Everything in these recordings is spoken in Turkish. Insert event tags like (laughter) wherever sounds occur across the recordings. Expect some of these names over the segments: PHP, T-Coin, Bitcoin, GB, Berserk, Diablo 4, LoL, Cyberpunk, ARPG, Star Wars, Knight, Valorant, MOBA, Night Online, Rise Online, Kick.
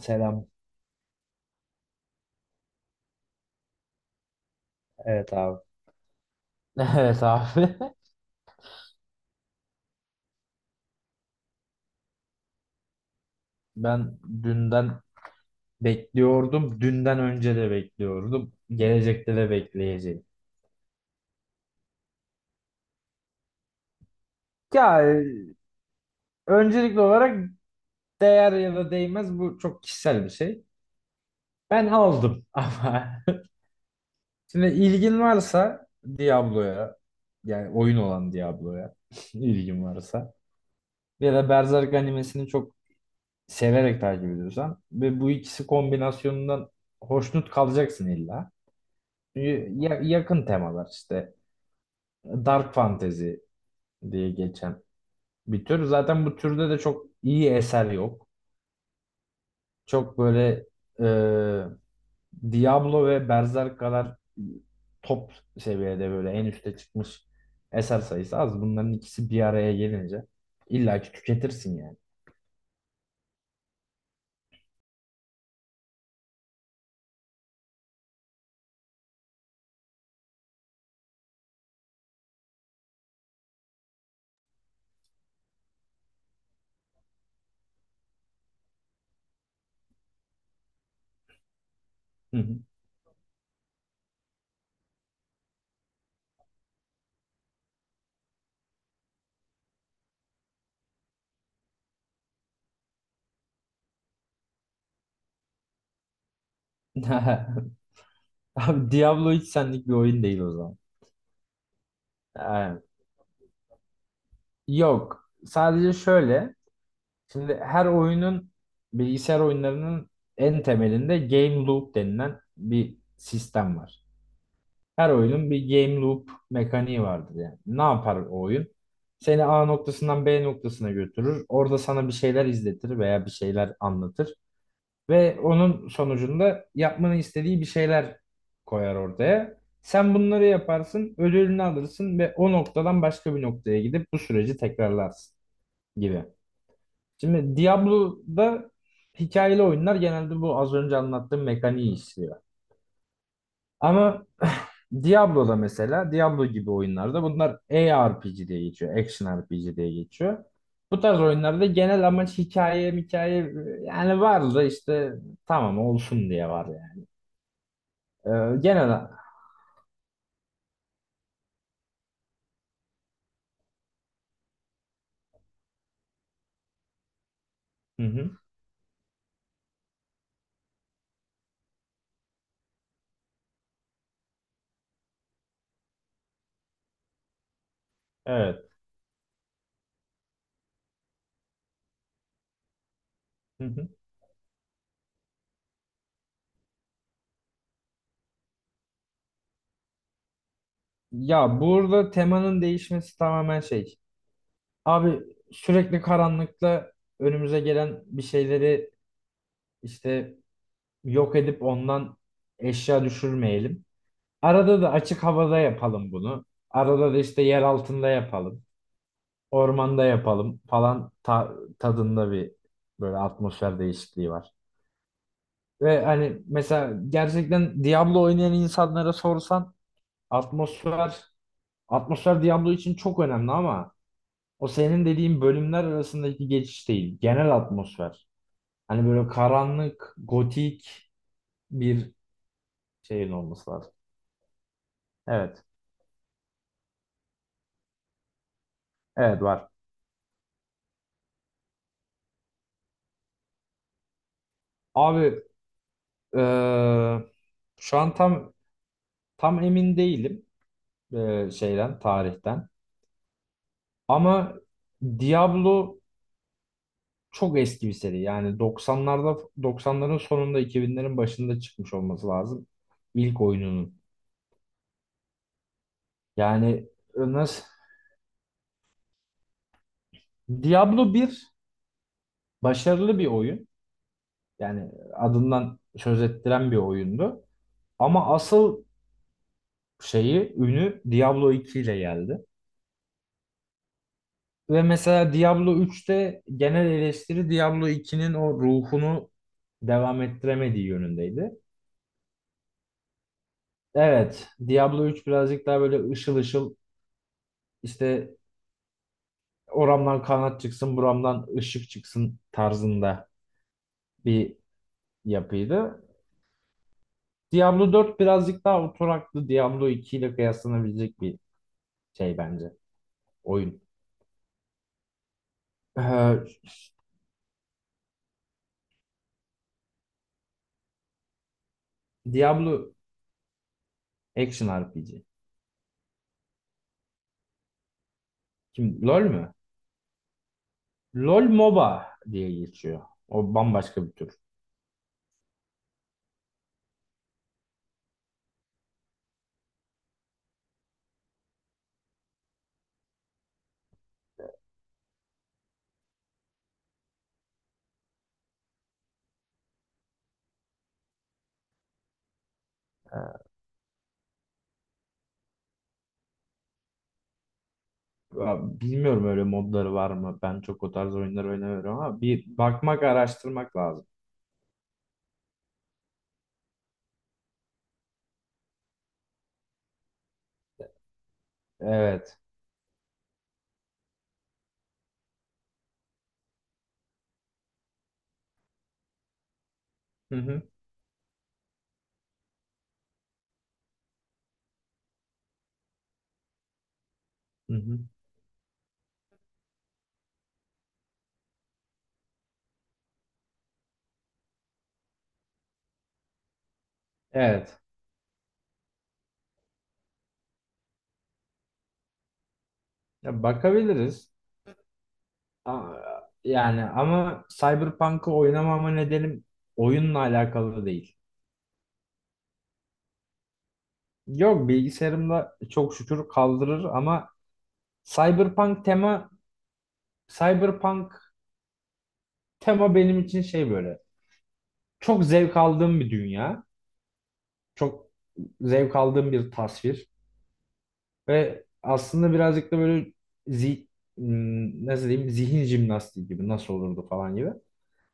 Selam. Evet abi. (laughs) Evet abi. Ben dünden bekliyordum. Dünden önce de bekliyordum. Gelecekte de bekleyeceğim. Ya öncelikli olarak değer ya da değmez bu çok kişisel bir şey. Ben aldım (laughs) ama şimdi ilgin varsa Diablo'ya yani oyun olan Diablo'ya (laughs) ilgin varsa ya da Berserk animesini çok severek takip ediyorsan ve bu ikisi kombinasyonundan hoşnut kalacaksın illa. Yakın temalar işte. Dark fantasy diye geçen bir tür. Zaten bu türde de çok iyi eser yok. Çok böyle e, Diablo ve Berserk kadar top seviyede böyle en üste çıkmış eser sayısı az. Bunların ikisi bir araya gelince illaki tüketirsin yani. Hı hı. (laughs) Abi Diablo hiç senlik bir oyun değil o zaman. Yani yok. Sadece şöyle. Şimdi her oyunun bilgisayar oyunlarının en temelinde game loop denilen bir sistem var. Her oyunun bir game loop mekaniği vardır yani. Ne yapar o oyun? Seni A noktasından B noktasına götürür. Orada sana bir şeyler izletir veya bir şeyler anlatır. Ve onun sonucunda yapmanı istediği bir şeyler koyar ortaya. Sen bunları yaparsın, ödülünü alırsın ve o noktadan başka bir noktaya gidip bu süreci tekrarlarsın gibi. Şimdi Diablo'da hikayeli oyunlar genelde bu az önce anlattığım mekaniği işliyor. Ama (laughs) (sighs) Diablo'da mesela Diablo gibi oyunlarda bunlar ARPG diye geçiyor. Action RPG diye geçiyor. Bu tarz oyunlarda genel amaç hikaye hikaye yani var da işte tamam olsun diye var yani. Genel hı hı, evet. Hı hı. Ya burada temanın değişmesi tamamen şey. Abi sürekli karanlıkta önümüze gelen bir şeyleri işte yok edip ondan eşya düşürmeyelim. Arada da açık havada yapalım bunu. Arada da işte yer altında yapalım. Ormanda yapalım falan tadında bir böyle atmosfer değişikliği var. Ve hani mesela gerçekten Diablo oynayan insanlara sorsan atmosfer atmosfer Diablo için çok önemli ama o senin dediğin bölümler arasındaki geçiş değil. Genel atmosfer. Hani böyle karanlık, gotik bir şeyin olması lazım. Evet. Evet var. Abi eee, şu an tam emin değilim, şeyden tarihten. Ama Diablo çok eski bir seri. Yani 90'larda 90'ların sonunda 2000'lerin başında çıkmış olması lazım ilk oyununun. Yani nasıl. Diablo bir başarılı bir oyun. Yani adından söz ettiren bir oyundu. Ama asıl şeyi ünü Diablo 2 ile geldi. Ve mesela Diablo 3'te genel eleştiri Diablo 2'nin o ruhunu devam ettiremediği yönündeydi. Evet, Diablo 3 birazcık daha böyle ışıl ışıl işte oramdan kanat çıksın, buramdan ışık çıksın tarzında bir yapıydı. Diablo 4 birazcık daha oturaklı Diablo 2 ile kıyaslanabilecek bir şey bence oyun. Ee, Diablo Action RPG. Kim? LoL mü? LoL MOBA diye geçiyor. O bambaşka bir tür. Ee, Ya bilmiyorum öyle modları var mı? Ben çok o tarz oyunlar oynamıyorum ama bir bakmak, araştırmak lazım. Evet. Hı hı. Hı hı. Evet. Ya bakabiliriz. Aa, yani ama Cyberpunk'ı oynamama nedenim oyunla alakalı değil. Yok bilgisayarımda çok şükür kaldırır ama Cyberpunk tema Cyberpunk tema benim için şey böyle. Çok zevk aldığım bir dünya. Çok zevk aldığım bir tasvir. Ve aslında birazcık da böyle zi, nasıl diyeyim zihin jimnastiği gibi nasıl olurdu falan gibi.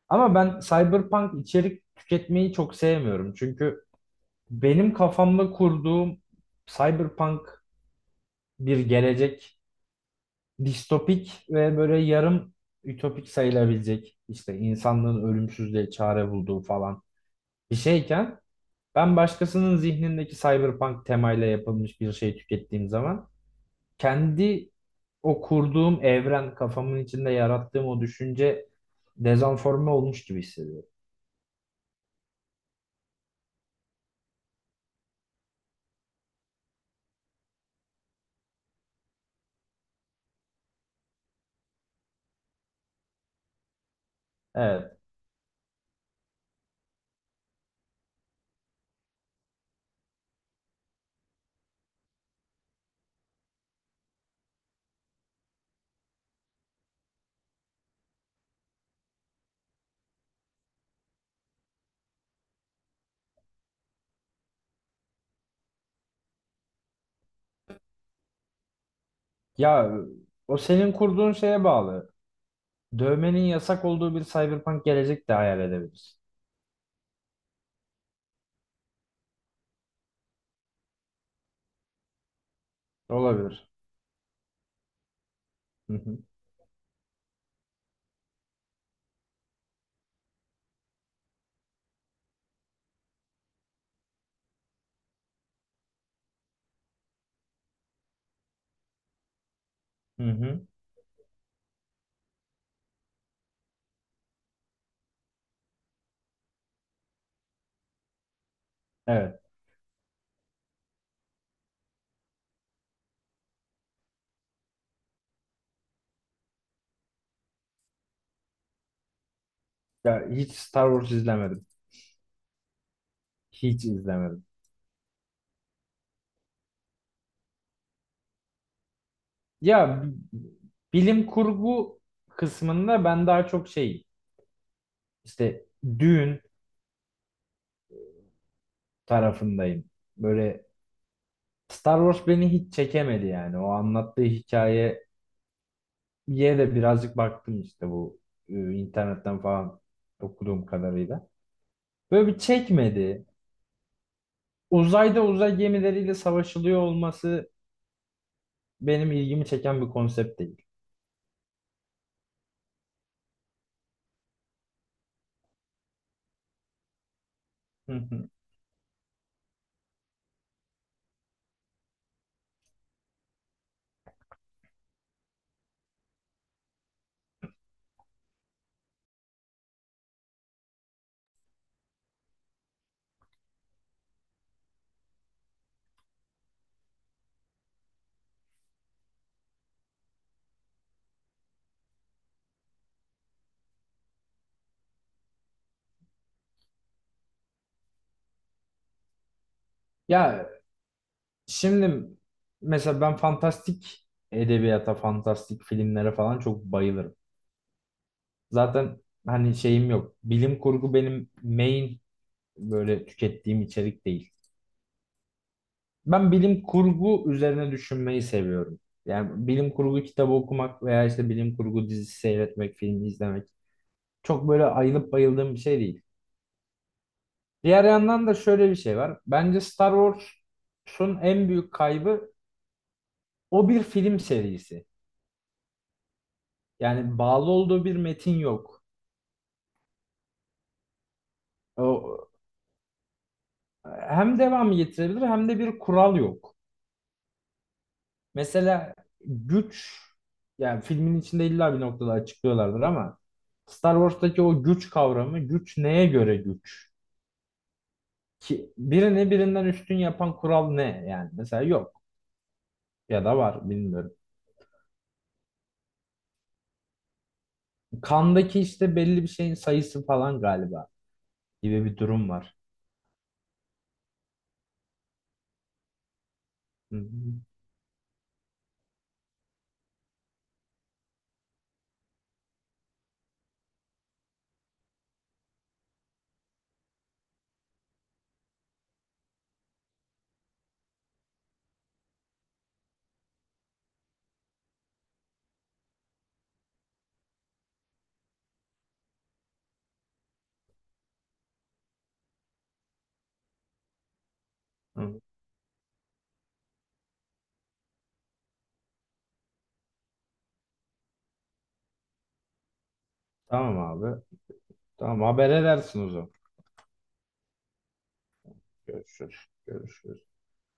Ama ben cyberpunk içerik tüketmeyi çok sevmiyorum. Çünkü benim kafamda kurduğum cyberpunk bir gelecek distopik ve böyle yarım ütopik sayılabilecek işte insanlığın ölümsüzlüğe çare bulduğu falan bir şeyken ben başkasının zihnindeki cyberpunk temayla yapılmış bir şey tükettiğim zaman kendi o kurduğum evren, kafamın içinde yarattığım o düşünce dezenforme olmuş gibi hissediyorum. Evet. Ya o senin kurduğun şeye bağlı. Dövmenin yasak olduğu bir cyberpunk gelecek de hayal edebiliriz. Olabilir. Hı hı. Hı hı. Evet. Ya hiç Star Wars izlemedim. Hiç izlemedim. Ya bilim kurgu kısmında ben daha çok şey işte düğün tarafındayım. Böyle Star Wars beni hiç çekemedi yani. O anlattığı hikayeye de birazcık baktım işte bu internetten falan okuduğum kadarıyla. Böyle bir çekmedi. Uzayda uzay gemileriyle savaşılıyor olması benim ilgimi çeken bir konsept değil. Hı hı. Ya şimdi mesela ben fantastik edebiyata, fantastik filmlere falan çok bayılırım. Zaten hani şeyim yok. Bilim kurgu benim main böyle tükettiğim içerik değil. Ben bilim kurgu üzerine düşünmeyi seviyorum. Yani bilim kurgu kitabı okumak veya işte bilim kurgu dizisi seyretmek, filmi izlemek çok böyle ayılıp bayıldığım bir şey değil. Diğer yandan da şöyle bir şey var. Bence Star Wars'un en büyük kaybı o bir film serisi. Yani bağlı olduğu bir metin yok. O, hem devamı getirebilir hem de bir kural yok. Mesela güç, yani filmin içinde illa bir noktada açıklıyorlardır ama Star Wars'taki o güç kavramı, güç neye göre güç? Ki birini birinden üstün yapan kural ne yani? Mesela yok ya da var bilmiyorum. Kandaki işte belli bir şeyin sayısı falan galiba gibi bir durum var. Hı hı. Hı. Tamam abi. Tamam haber edersin o zaman. Görüşürüz. Görüşürüz.